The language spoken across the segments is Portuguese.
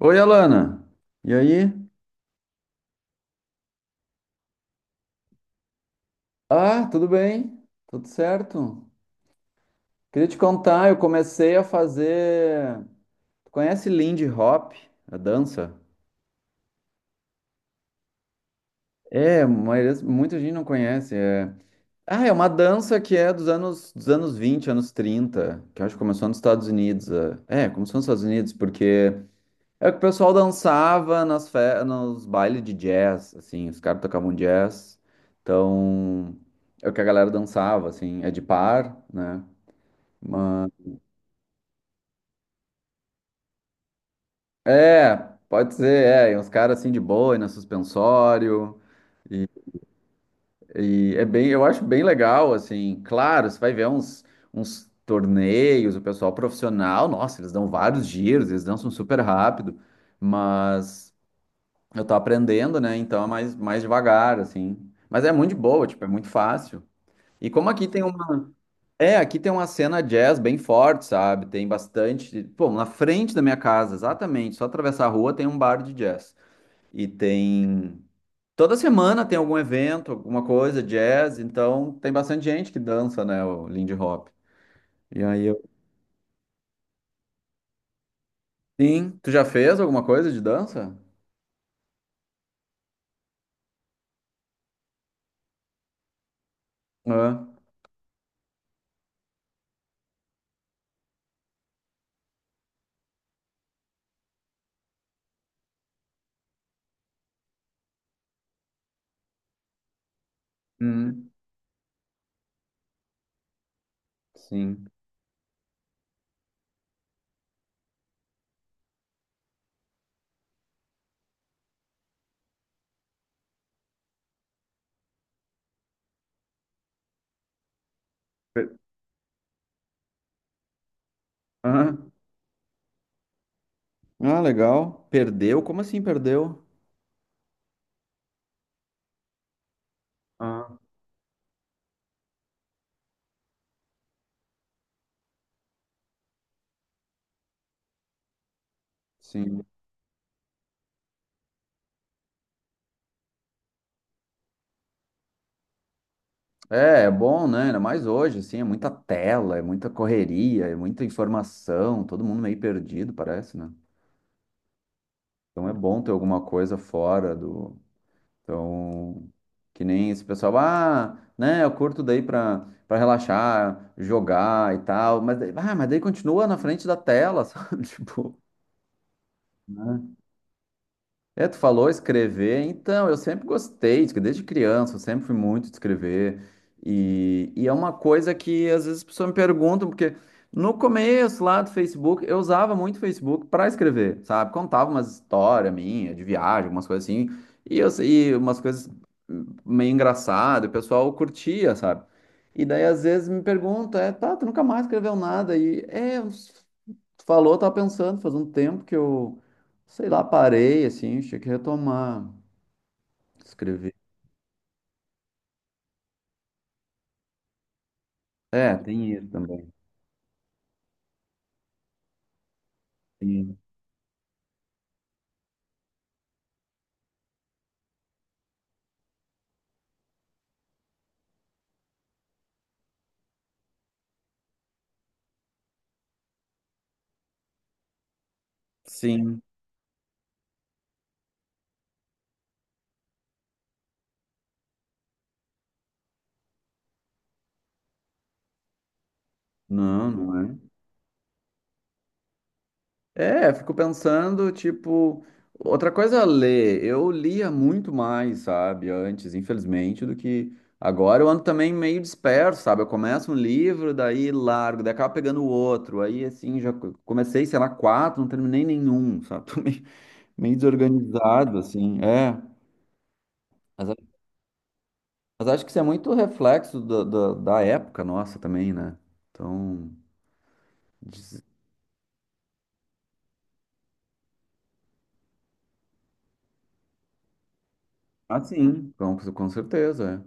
Oi, Alana. E aí? Ah, tudo bem? Tudo certo? Queria te contar, eu comecei a fazer. Tu conhece Lindy Hop, a dança? É, mas muita gente não conhece. Ah, é uma dança que é dos anos 20, anos 30, que eu acho que começou nos Estados Unidos. Começou nos Estados Unidos, porque é que o pessoal dançava nos bailes de jazz, assim, os caras tocavam jazz. Então, é o que a galera dançava, assim, é de par, né? Mas... É, pode ser, é, e uns caras assim de boa, na suspensório. E, e é bem, eu acho bem legal, assim, claro, você vai ver uns, torneios, o pessoal profissional, nossa, eles dão vários giros, eles dançam super rápido, mas. Eu tô aprendendo, né? Então é mais devagar, assim. Mas é muito de boa, tipo, é muito fácil. E como aqui tem uma. É, aqui tem uma cena jazz bem forte, sabe? Tem bastante. Pô, na frente da minha casa, exatamente. Só atravessar a rua tem um bar de jazz. E tem. Toda semana tem algum evento, alguma coisa, jazz. Então tem bastante gente que dança, né? O Lindy Hop. E aí eu. Sim. Tu já fez alguma coisa de dança? Ah, hum, sim. Aham. Ah, legal. Perdeu? Como assim perdeu? Ah, sim. É bom, né? Ainda mais hoje, assim, é muita tela, é muita correria, é muita informação, todo mundo meio perdido, parece, né? Então é bom ter alguma coisa fora do. Então, que nem esse pessoal, ah, né? Eu curto daí pra relaxar, jogar e tal, mas, ah, mas daí continua na frente da tela, sabe? Tipo. É, tu falou escrever, então, eu sempre gostei, desde criança, eu sempre fui muito de escrever, e é uma coisa que às vezes as pessoas me perguntam, porque no começo lá do Facebook, eu usava muito o Facebook para escrever, sabe? Contava umas histórias minhas, de viagem, algumas coisas assim, e umas coisas meio engraçadas, o pessoal curtia, sabe? E daí às vezes me perguntam, é, tá, tu nunca mais escreveu nada, e é, tu falou, eu tava pensando, faz um tempo que eu sei lá, parei, assim, tinha que retomar, escrever. É, tem isso também. Sim. Sim. Não, não é. É, fico pensando, tipo, outra coisa é ler. Eu lia muito mais, sabe, antes, infelizmente, do que agora. Eu ando também meio disperso, sabe? Eu começo um livro, daí largo, daí acabo pegando o outro. Aí, assim, já comecei, sei lá, quatro, não terminei nenhum, sabe? Tô meio, desorganizado, assim. É. Mas acho que isso é muito reflexo da época nossa também, né? Então, diz- ah, sim, com certeza.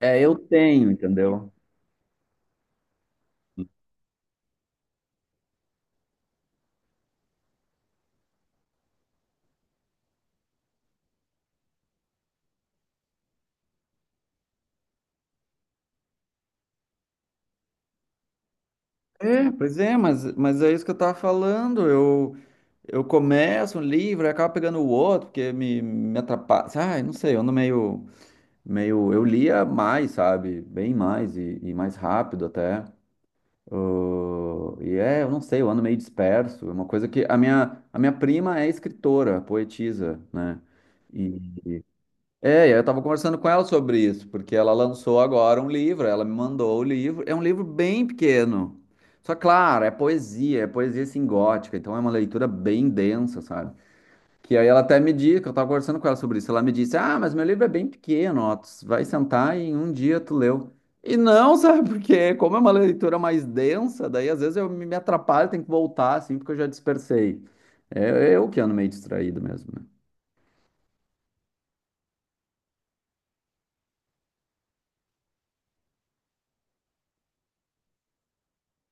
Eu tenho, entendeu? É, pois é, mas é isso que eu tava falando. Eu começo um livro e acabo pegando o outro, porque me atrapalha. Ai, não sei, eu ando meio, meio. Eu lia mais, sabe? Bem mais e mais rápido até. E é, eu não sei, eu ando meio disperso. É uma coisa que. A minha prima é escritora, poetisa, né? E, e eu tava conversando com ela sobre isso, porque ela lançou agora um livro, ela me mandou o livro. É um livro bem pequeno. Só, claro, é poesia, é poesia, assim gótica, então é uma leitura bem densa, sabe? Que aí ela até me disse, que eu tava conversando com ela sobre isso, ela me disse, ah, mas meu livro é bem pequeno, ó, tu vai sentar e em um dia tu leu. E não, sabe, porque como é uma leitura mais densa, daí às vezes eu me atrapalho, tenho que voltar, assim, porque eu já dispersei. É é, eu que ando meio distraído mesmo, né?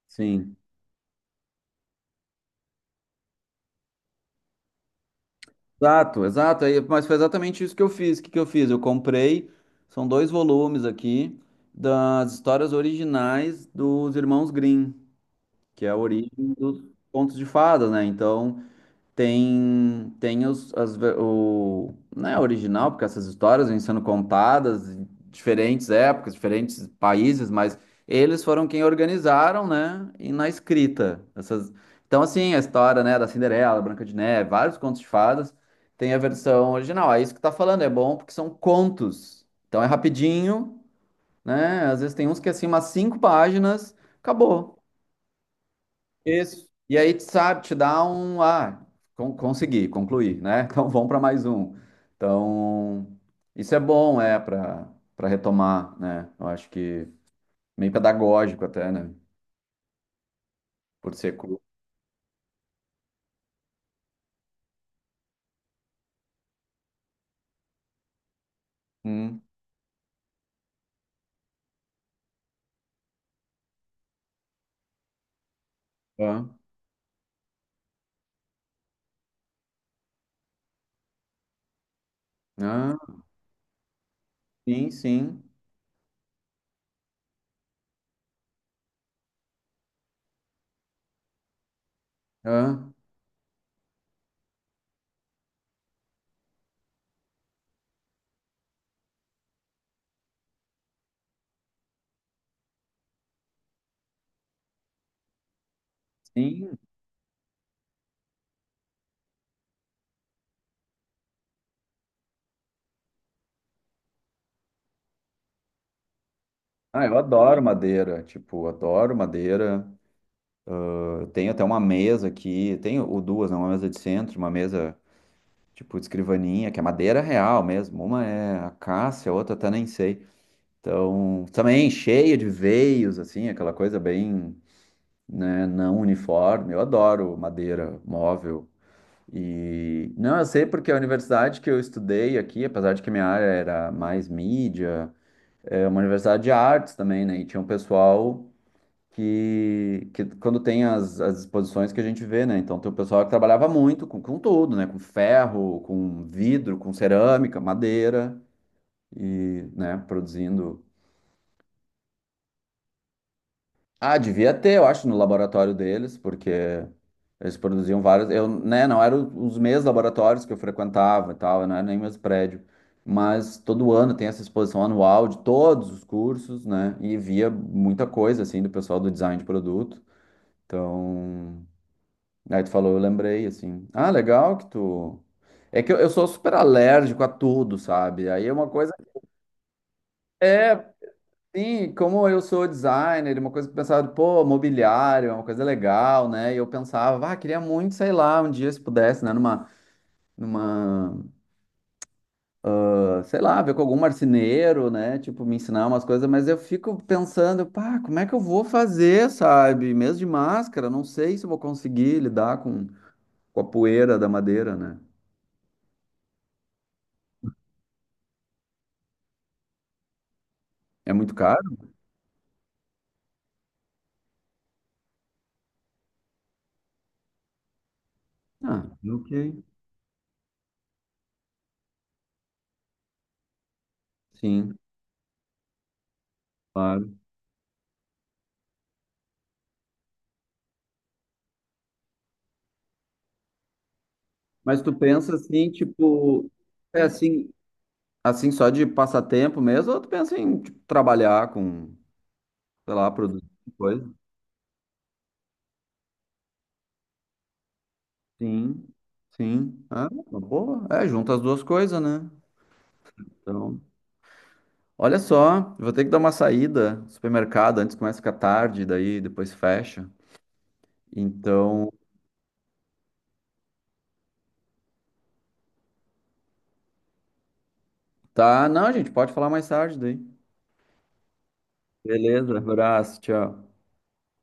Sim. Exato, exato. Aí, mas foi exatamente isso que eu fiz. O que que eu fiz? Eu comprei, são dois volumes aqui, das histórias originais dos Irmãos Grimm, que é a origem dos contos de fadas, né? Então... Tem o, não é original, porque essas histórias vêm sendo contadas em diferentes épocas, diferentes países, mas eles foram quem organizaram, né? E na escrita. Essas, então, assim, a história, né, da Cinderela, Branca de Neve, vários contos de fadas, tem a versão original. É isso que tá falando, é bom porque são contos. Então é rapidinho, né? Às vezes tem uns que é assim, umas cinco páginas, acabou. Isso. E aí, sabe, te dá um. Ah, consegui, concluí, né? Então vamos para mais um. Então, isso é bom, é, para retomar, né? Eu acho que meio pedagógico até, né? Por ser cru. Hum, ah, ah, sim, sim. Ah, sim. Ah, eu adoro madeira, tipo, adoro madeira. Eu tenho até uma mesa aqui, tenho ou duas, né? Uma mesa de centro, uma mesa tipo de escrivaninha, que é madeira real mesmo. Uma é acácia, a outra até nem sei. Então, também cheia de veios, assim, aquela coisa bem, né, não uniforme. Eu adoro madeira, móvel. E não, eu sei porque a universidade que eu estudei aqui, apesar de que minha área era mais mídia, é uma universidade de artes também, né? E tinha um pessoal que quando tem as exposições que a gente vê, né? Então tem o pessoal que trabalhava muito com tudo, né? Com ferro, com vidro, com cerâmica, madeira, e, né, produzindo. Ah, devia ter, eu acho, no laboratório deles, porque eles produziam vários. Eu, né, não eram os mesmos laboratórios que eu frequentava e tal, não era nem o mesmo prédio. Mas todo ano tem essa exposição anual de todos os cursos, né? E via muita coisa, assim, do pessoal do design de produto. Então, aí tu falou, eu lembrei, assim. Ah, legal que tu. É que eu sou super alérgico a tudo, sabe? Aí é uma coisa. É, sim, como eu sou designer, uma coisa que eu pensava, pô, mobiliário, é uma coisa legal, né? E eu pensava, ah, queria muito, sei lá, um dia se pudesse, né, numa, numa, ah, sei lá, ver com algum marceneiro, né? Tipo, me ensinar umas coisas, mas eu fico pensando, pá, como é que eu vou fazer, sabe? Mesmo de máscara, não sei se eu vou conseguir lidar com, a poeira da madeira, né? É muito caro? Ah, ok. Sim, claro. Mas tu pensa assim, tipo, é assim, assim, só de passatempo mesmo, ou tu pensa em tipo, trabalhar com, sei lá, produzir coisa? Sim, sim. Ah, uma boa. É, junta as duas coisas, né? Então, olha só, eu vou ter que dar uma saída no supermercado, antes começa a ficar tarde, daí depois fecha. Então, tá, não, gente, pode falar mais tarde daí. Beleza, abraço, tchau.